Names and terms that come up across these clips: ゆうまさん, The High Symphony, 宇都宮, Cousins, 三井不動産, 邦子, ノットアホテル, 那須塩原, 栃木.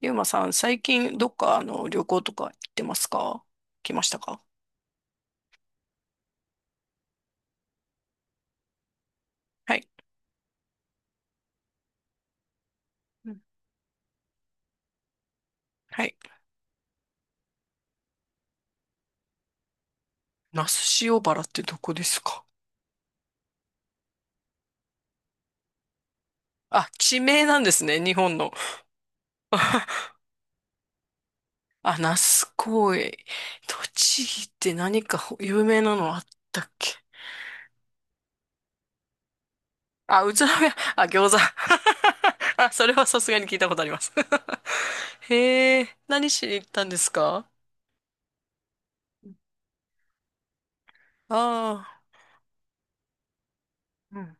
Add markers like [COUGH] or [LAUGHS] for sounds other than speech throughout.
ゆうまさん、最近どっか旅行とか行ってますか？来ましたか？はい。うん。はい。那須塩原ってどこですか？あ、地名なんですね、日本の。[LAUGHS] あ、那須公園。栃木って何か有名なのあったっけ？あ、宇都宮、あ、餃子。[LAUGHS] あ、それはさすがに聞いたことあります。[LAUGHS] へえ、何しに行ったんですか？あ。あー、うん。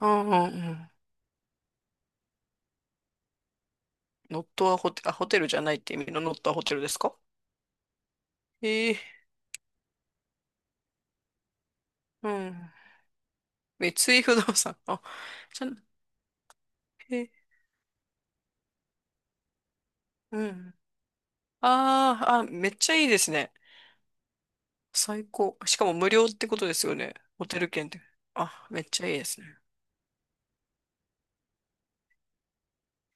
うん、うん。うん。ノットアホテル、あ、ホテルじゃないって意味のノットアホテルですか？ええ。うん。三井不動産。あ、じゃ、え、うん。ああ、あ、めっちゃいいですね。最高。しかも無料ってことですよね。ホテル券って。あ、めっちゃいいですね。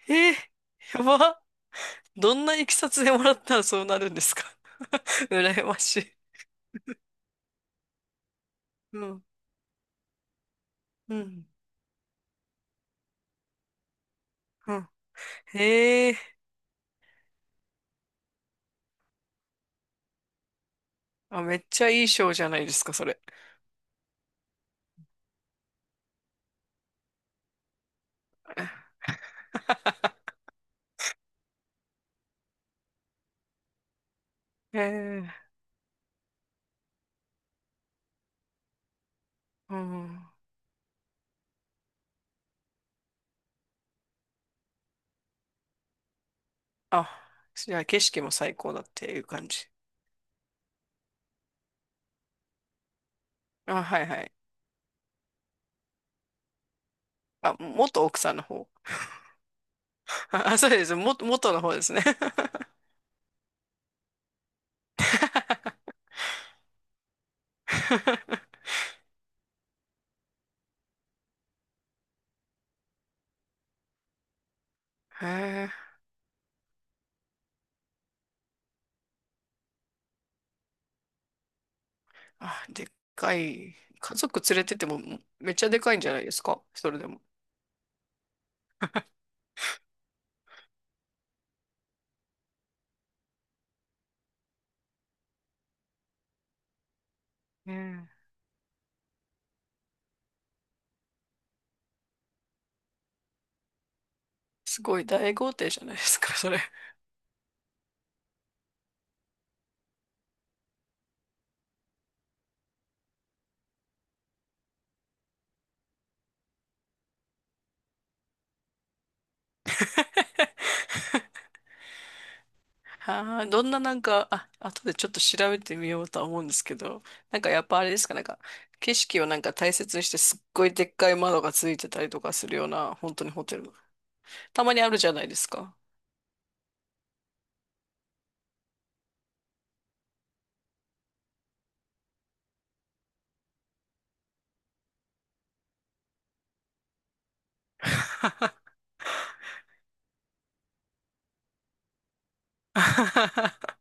ええ。やば。どんないきさつでもらったらそうなるんですか？ [LAUGHS] 羨ましい。うん、うん、うん。ええ。あ、めっちゃいい賞じゃないですか、それ。[LAUGHS] ええ。うん。あ、じゃあ景色も最高だっていう感じ。あ、はいはい。あ、元奥さんの方。あ、あ、そうです。も、元の方ですね。[LAUGHS] へえ。あ、でっかい。家族連れててもめっちゃでかいんじゃないですかそれでも。うん。すごい大豪邸じゃないですか、それ。[LAUGHS] はあ、どんな、あ、後でちょっと調べてみようとは思うんですけど、やっぱあれですか、景色を大切にしてすっごいでっかい窓がついてたりとかするような、本当にホテル。たまにあるじゃないですか。[LAUGHS]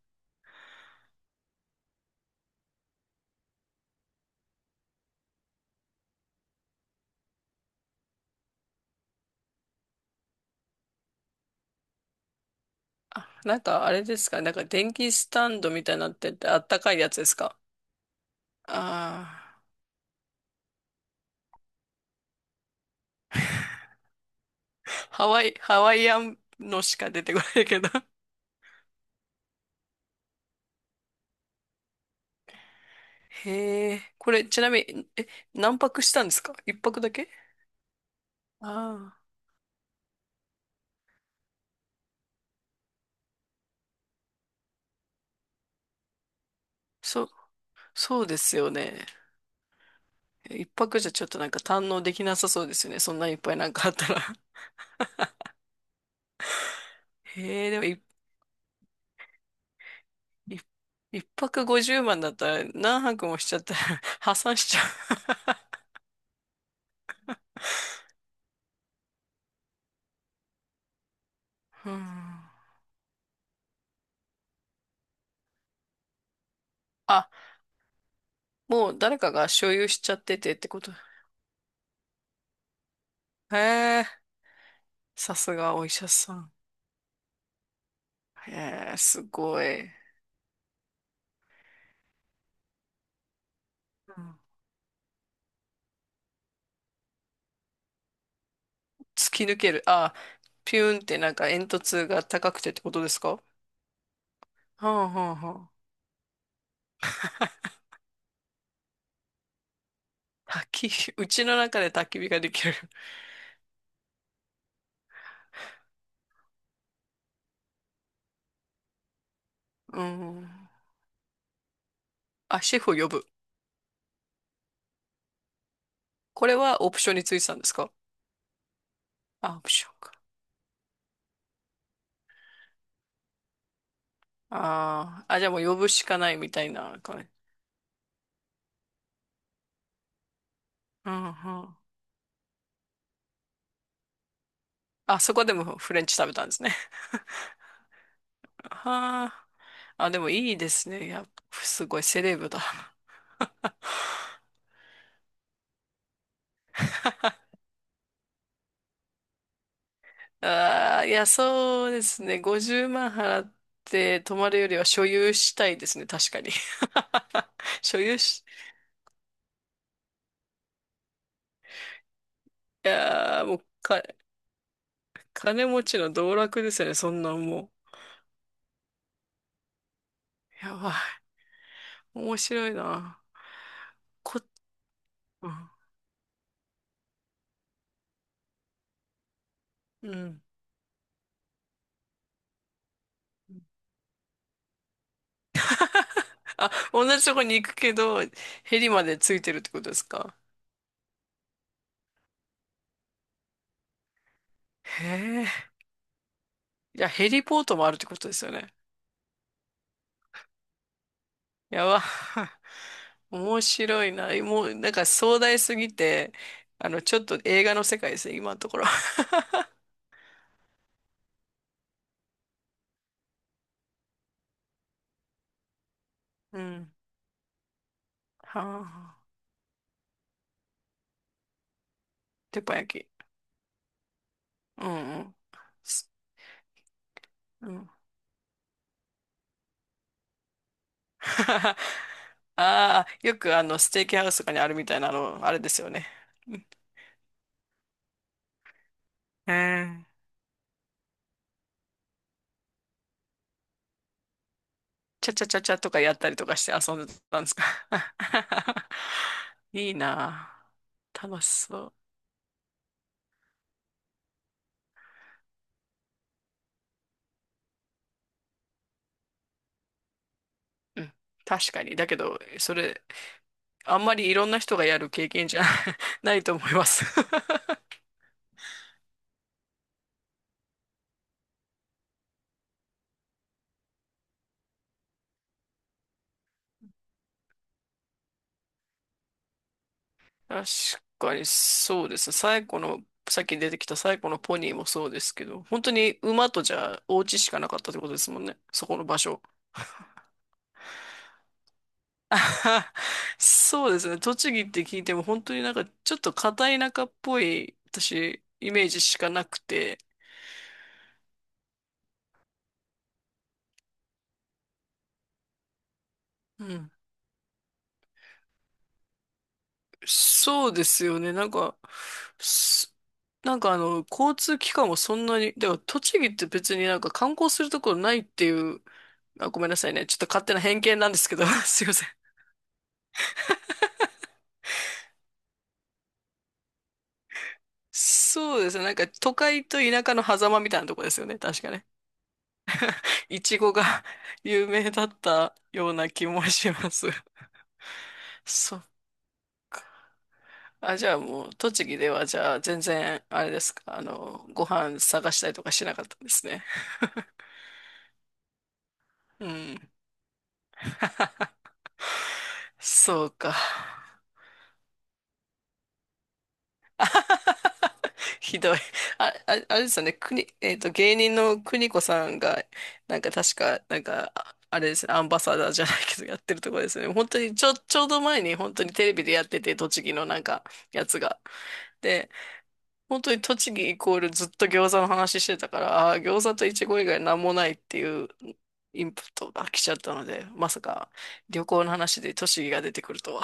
あ、あれですか電気スタンドみたいになっててあったかいやつですか？あ。あー、ハワイ、ハワイアンのしか出てこないけど。へえ、これちなみに、え、何泊したんですか？一泊だけ？あ。あ、そう、そうですよね。一泊じゃちょっと堪能できなさそうですよね。そんないっぱいあったら。へえ、でもい、い、一泊50万だったら何泊もしちゃったら [LAUGHS] 破産しちゃう。うん。あ、もう誰かが所有しちゃっててってこと。へえ、さすがお医者さん。へえ、すごい。うん。突き抜ける。あ、ピューンって煙突が高くてってことですか？はあ、はあ、はあ。[LAUGHS] 焚き火、うちの中で焚き火ができる。うん。あ、シェフを呼ぶ。これはオプションについてたんですか？あ、オプションか。あー、あ、じゃあもう呼ぶしかないみたいな感じ。うん、うん。あ、そこでもフレンチ食べたんですね。はあ。あ、でもいいですね。いや、すごいセレブだ。[LAUGHS] ああ、いや、そうですね。50万払って泊まるよりは所有したいですね。確かに。[LAUGHS] 所有し、いやー、もうか、金持ちの道楽ですよね。そんなんもう。やばい。面白いな。こ、うん。うん。あ、同じとこに行くけど、ヘリまでついてるってことですか。へえ。いや、ヘリポートもあるってことですよね。やば。面白いな。もう、壮大すぎて、あの、ちょっと映画の世界ですね、今のところ。[LAUGHS] うん。はあ。鉄板焼き。うん、うん。す。うん。[LAUGHS] ああ、よくあの、ステーキハウスとかにあるみたいな、あの、あれですよね。うん。えー、チャチャチャチャとかやったりとかして遊んでたんですか？ [LAUGHS] いいなあ。楽しそう。うん。確かに。だけど、それ、あんまりいろんな人がやる経験じゃ [LAUGHS] ないと思います。 [LAUGHS] 確かにそうですね、最後の、さっき出てきた最後のポニーもそうですけど、本当に馬とじゃあお家しかなかったってことですもんね。そこの場所。[LAUGHS] あはは。そうですね。栃木って聞いても本当にちょっと片田舎っぽい私イメージしかなくて。うん。そうですよね。すあの、交通機関もそんなに、だから栃木って別に観光するところないっていう、あ、ごめんなさいね。ちょっと勝手な偏見なんですけど、[LAUGHS] すいません。そうですね。都会と田舎の狭間みたいなとこですよね。確かね。いちごが [LAUGHS] 有名だったような気もします。[LAUGHS] そう。あ、じゃあもう、栃木ではじゃあ全然、あれですか、あの、ご飯探したりとかしなかったんですね。うん。そうか。[LAUGHS] ひどい。あ、あ、あれですよね、国、芸人の邦子さんが、確か、あれですね、アンバサダーじゃないけど、やってるところですよね。本当に、ちょ、ちょうど前に、本当にテレビでやってて、栃木の、やつが。で、本当に栃木イコールずっと餃子の話してたから、あー、餃子とイチゴ以外なんもないっていうインプットが来ちゃったので、まさか旅行の話で栃木が出てくるとは。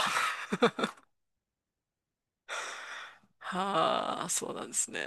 [LAUGHS] はあ、そうなんですね。